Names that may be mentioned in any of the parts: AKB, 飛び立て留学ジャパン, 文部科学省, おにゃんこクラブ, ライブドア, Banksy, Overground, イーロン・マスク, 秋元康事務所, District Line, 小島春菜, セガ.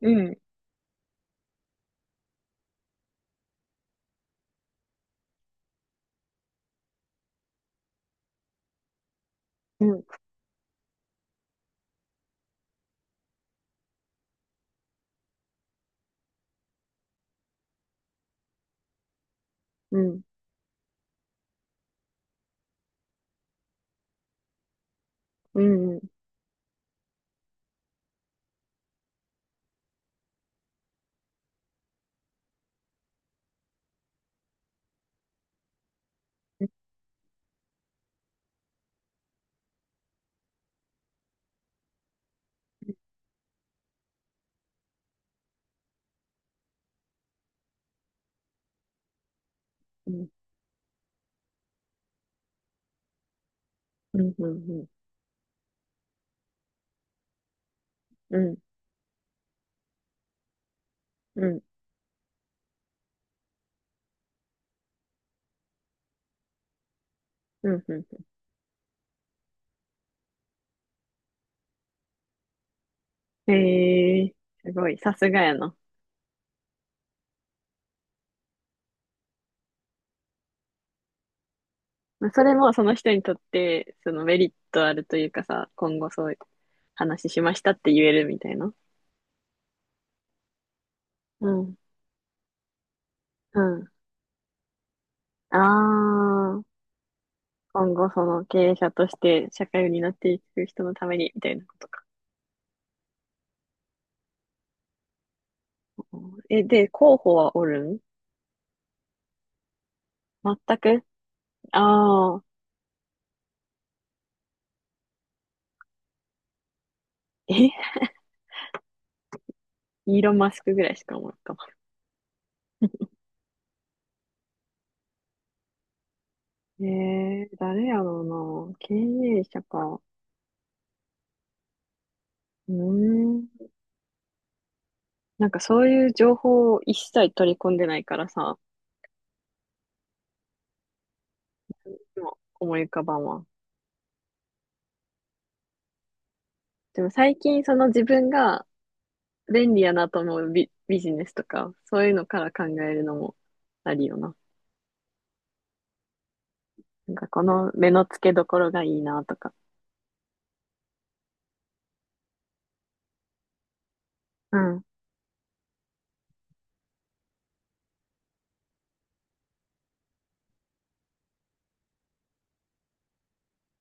うん、うん、うん、うん、うん、うん、うん、うん、うん、うん、うん。うん、へえ、すごい、さすがやな。まあそれもその人にとって、そのメリットあるというかさ、今後そういう話しましたって言えるみたいな。うん、うん。ああ、今後その経営者として社会を担っていく人のために、みたいなことか。え、で、候補はおるん？全く。ああー、え、イーロン・マスクぐらいしか思う。えー、誰やろうな。経営者か。うーん。なんかそういう情報を一切取り込んでないからさ、でも思い浮かばんわ。でも最近その自分が便利やなと思うビジネスとか、そういうのから考えるのもありよな。なんかこの目の付けどころがいいなとか。うん、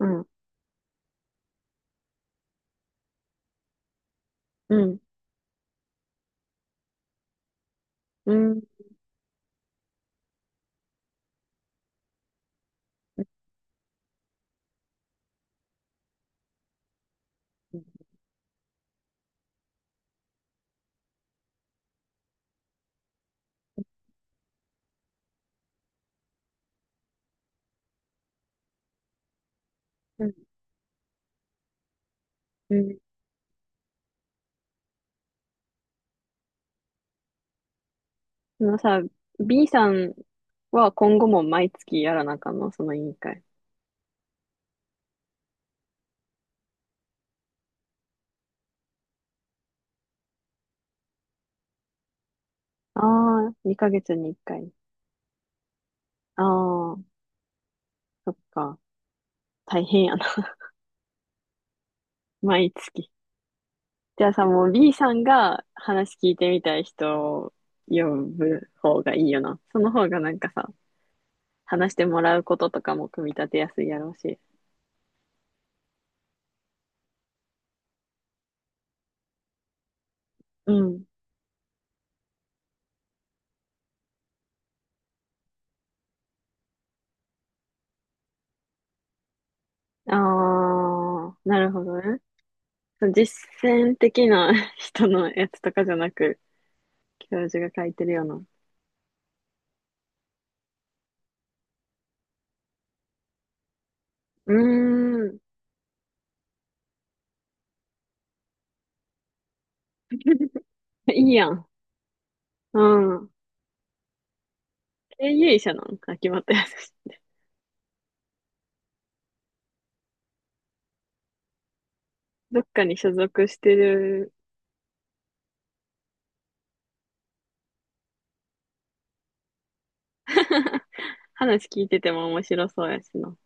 うん、うん、うん、うん、うん。そのさ、B さんは今後も毎月やらなあかんの、その委員会？ああ、2ヶ月に1回。ああ、そっか。大変やな。毎月。じゃあさ、もう B さんが話聞いてみたい人を呼ぶ方がいいよな。その方がなんかさ、話してもらうこととかも組み立てやすいやろうし。うん。ああ、なるほどね。そう実践的な 人のやつとかじゃなく、教授が書いてるような。うーん。いいやん。うん。経営者なん秋元康。どっかに所属してる。 話聞いてても面白そうやしな。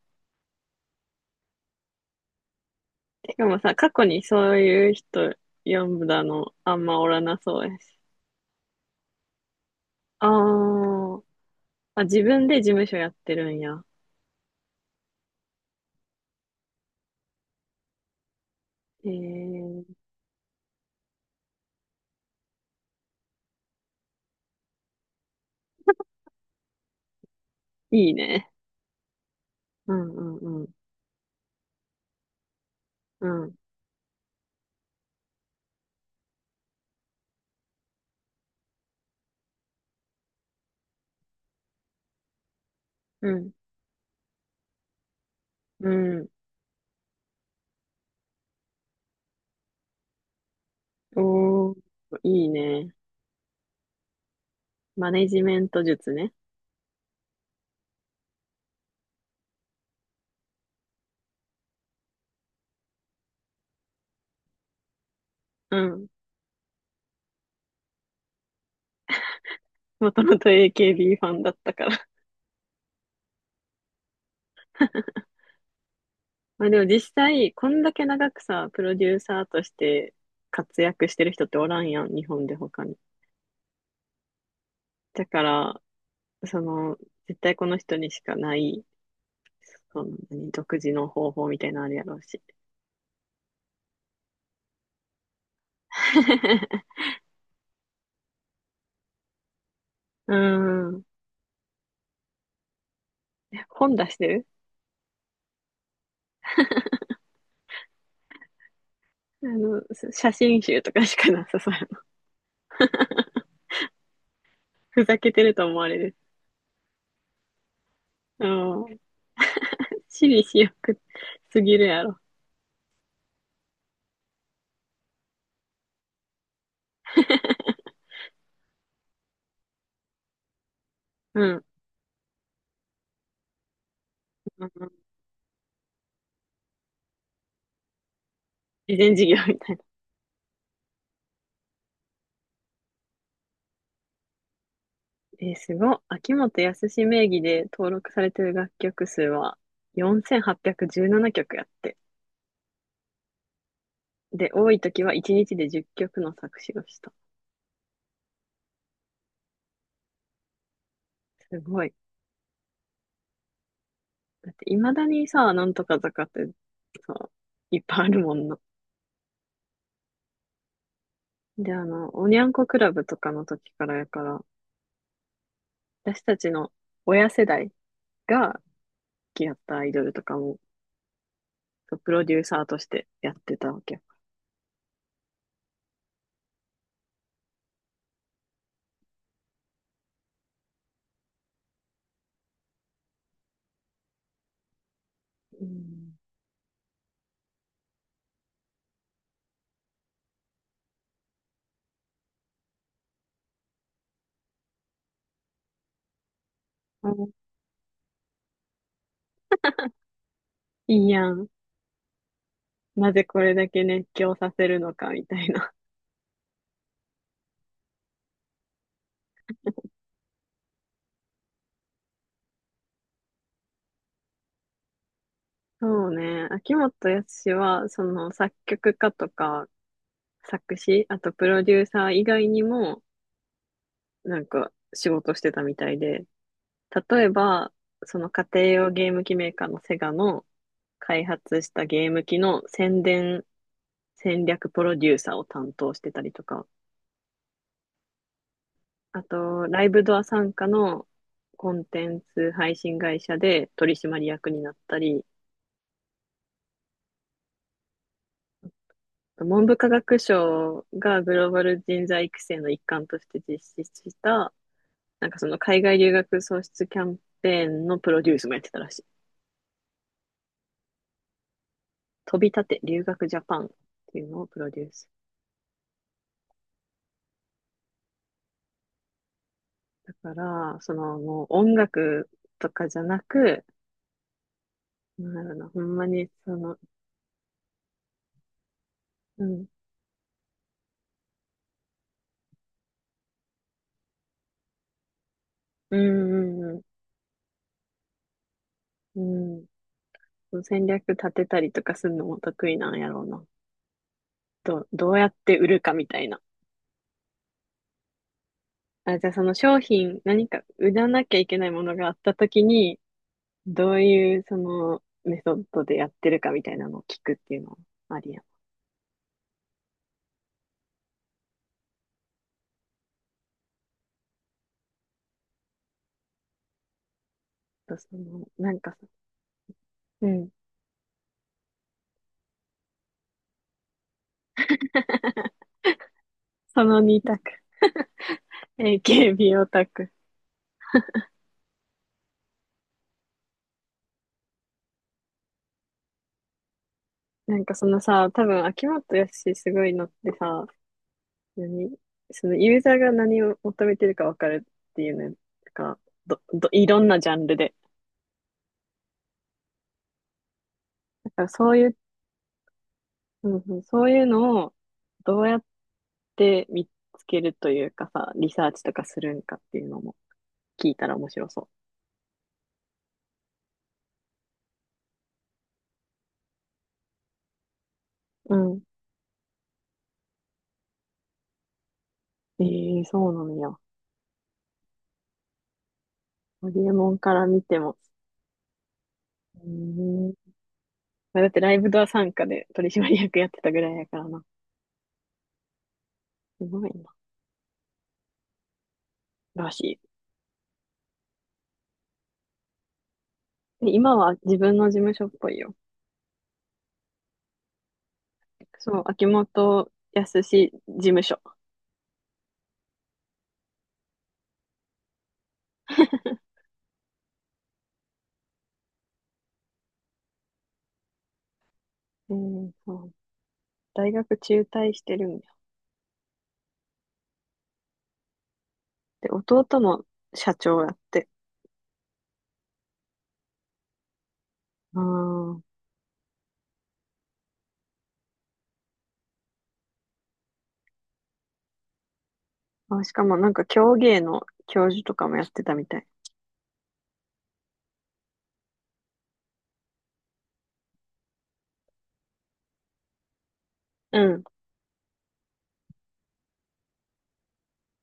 てかもさ、過去にそういう人読んだのあんまおらなそうやし。あー、あ、自分で事務所やってるんや。えー、いいね。うんうんうん。うんうんうん。おー、いいね。マネジメント術ね。うん。もともと AKB ファンだったから。まあでも実際、こんだけ長くさ、プロデューサーとして活躍してる人っておらんやん、日本で他に。だから、その、絶対この人にしかない、その、何独自の方法みたいなのあるやろうし。うん。本出してる。あの、写真集とかしかなさそうやな。ふざけてると思われる。うん。私利私欲すぎるやろ。うん。うん、慈善事業みたい。えーすごい。秋元康名義で登録されてる楽曲数は4817曲やって。で、多い時は1日で10曲の作詞をした。すごい。だって未だにさ、なんとか坂ってさ、いっぱいあるもんな。で、あの、おにゃんこクラブとかの時からやから、私たちの親世代が好きやったアイドルとかも、そうプロデューサーとしてやってたわけ。ようん。あ、いいやん。なぜこれだけ熱狂させるのか、みたいな。そうね。秋元康は、その作曲家とか作詞、あとプロデューサー以外にも、なんか仕事してたみたいで、例えば、その家庭用ゲーム機メーカーのセガの開発したゲーム機の宣伝戦略プロデューサーを担当してたりとか、あと、ライブドア傘下のコンテンツ配信会社で取締役になったり、文部科学省がグローバル人材育成の一環として実施した、なんかその海外留学創出キャンペーンのプロデュースもやってたらしい。飛び立て留学ジャパンっていうのをプロデュース。から、そのもう音楽とかじゃなく、なんだろうな、ほんまにその、うん、うん、うん、うん、うん、その戦略立てたりとかするのも得意なんやろうな。どうやって売るかみたいな。あ、じゃあその商品、何か売らなきゃいけないものがあったときに、どういうそのメソッドでやってるかみたいなのを聞くっていうのもありやん。あとその、なんかさ、うん、その2択。AKB オタク。なんかそのさ、多分秋元康すごいのってさ、何そのユーザーが何を求めてるか分かるっていうのが、いろんなジャンルで。だからそういう、うんうん、そういうのをどうやって見つけるというかさ、リサーチとかするんかっていうのも聞いたら面白そう。うん。ええそうなのよ。ホリエモンから見ても。うん。まあだってライブドア参加で取締役やってたぐらいやからな。すごいな。らしい。で今は自分の事務所っぽいよ。そう、秋元康事務所。うん、そう。大学中退してるんだよ。で、弟も社長やって。あー、あ、しかもなんか教芸の教授とかもやってたみたい。うん、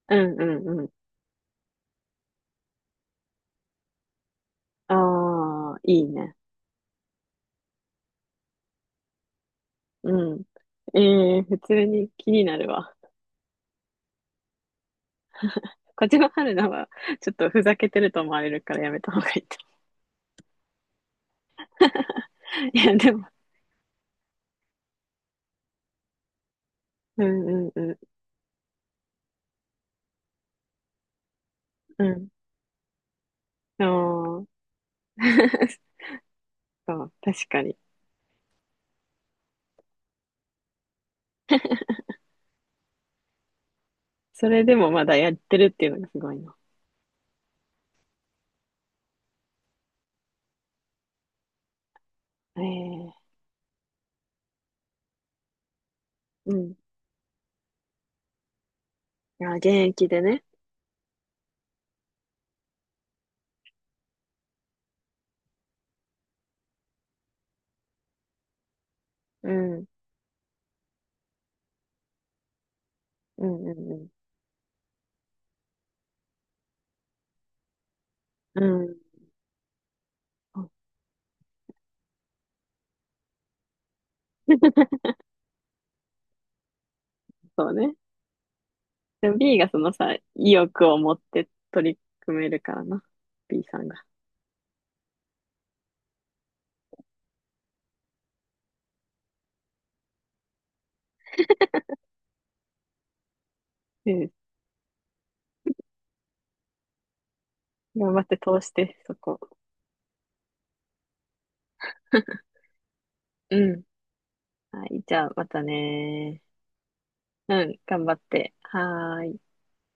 うん、うん、うん。ああ、いいね。うん。ええ普通に気になるわ。小島春菜は、ちょっとふざけてると思われるからやめた方がいいと。いや、でも、うん、うん、うん、うん。ああ そう、確かに。それでもまだやってるっていうのがすごいな。ええ、うん。あ、現役でね。うん。うんうんうん。うん。そう、そうね。でも B がそのさ、意欲を持って取り組めるからな。B さんが。うん。頑張って通して、そこ。うん。はい。じゃあ、またね。うん。頑張って。はーい。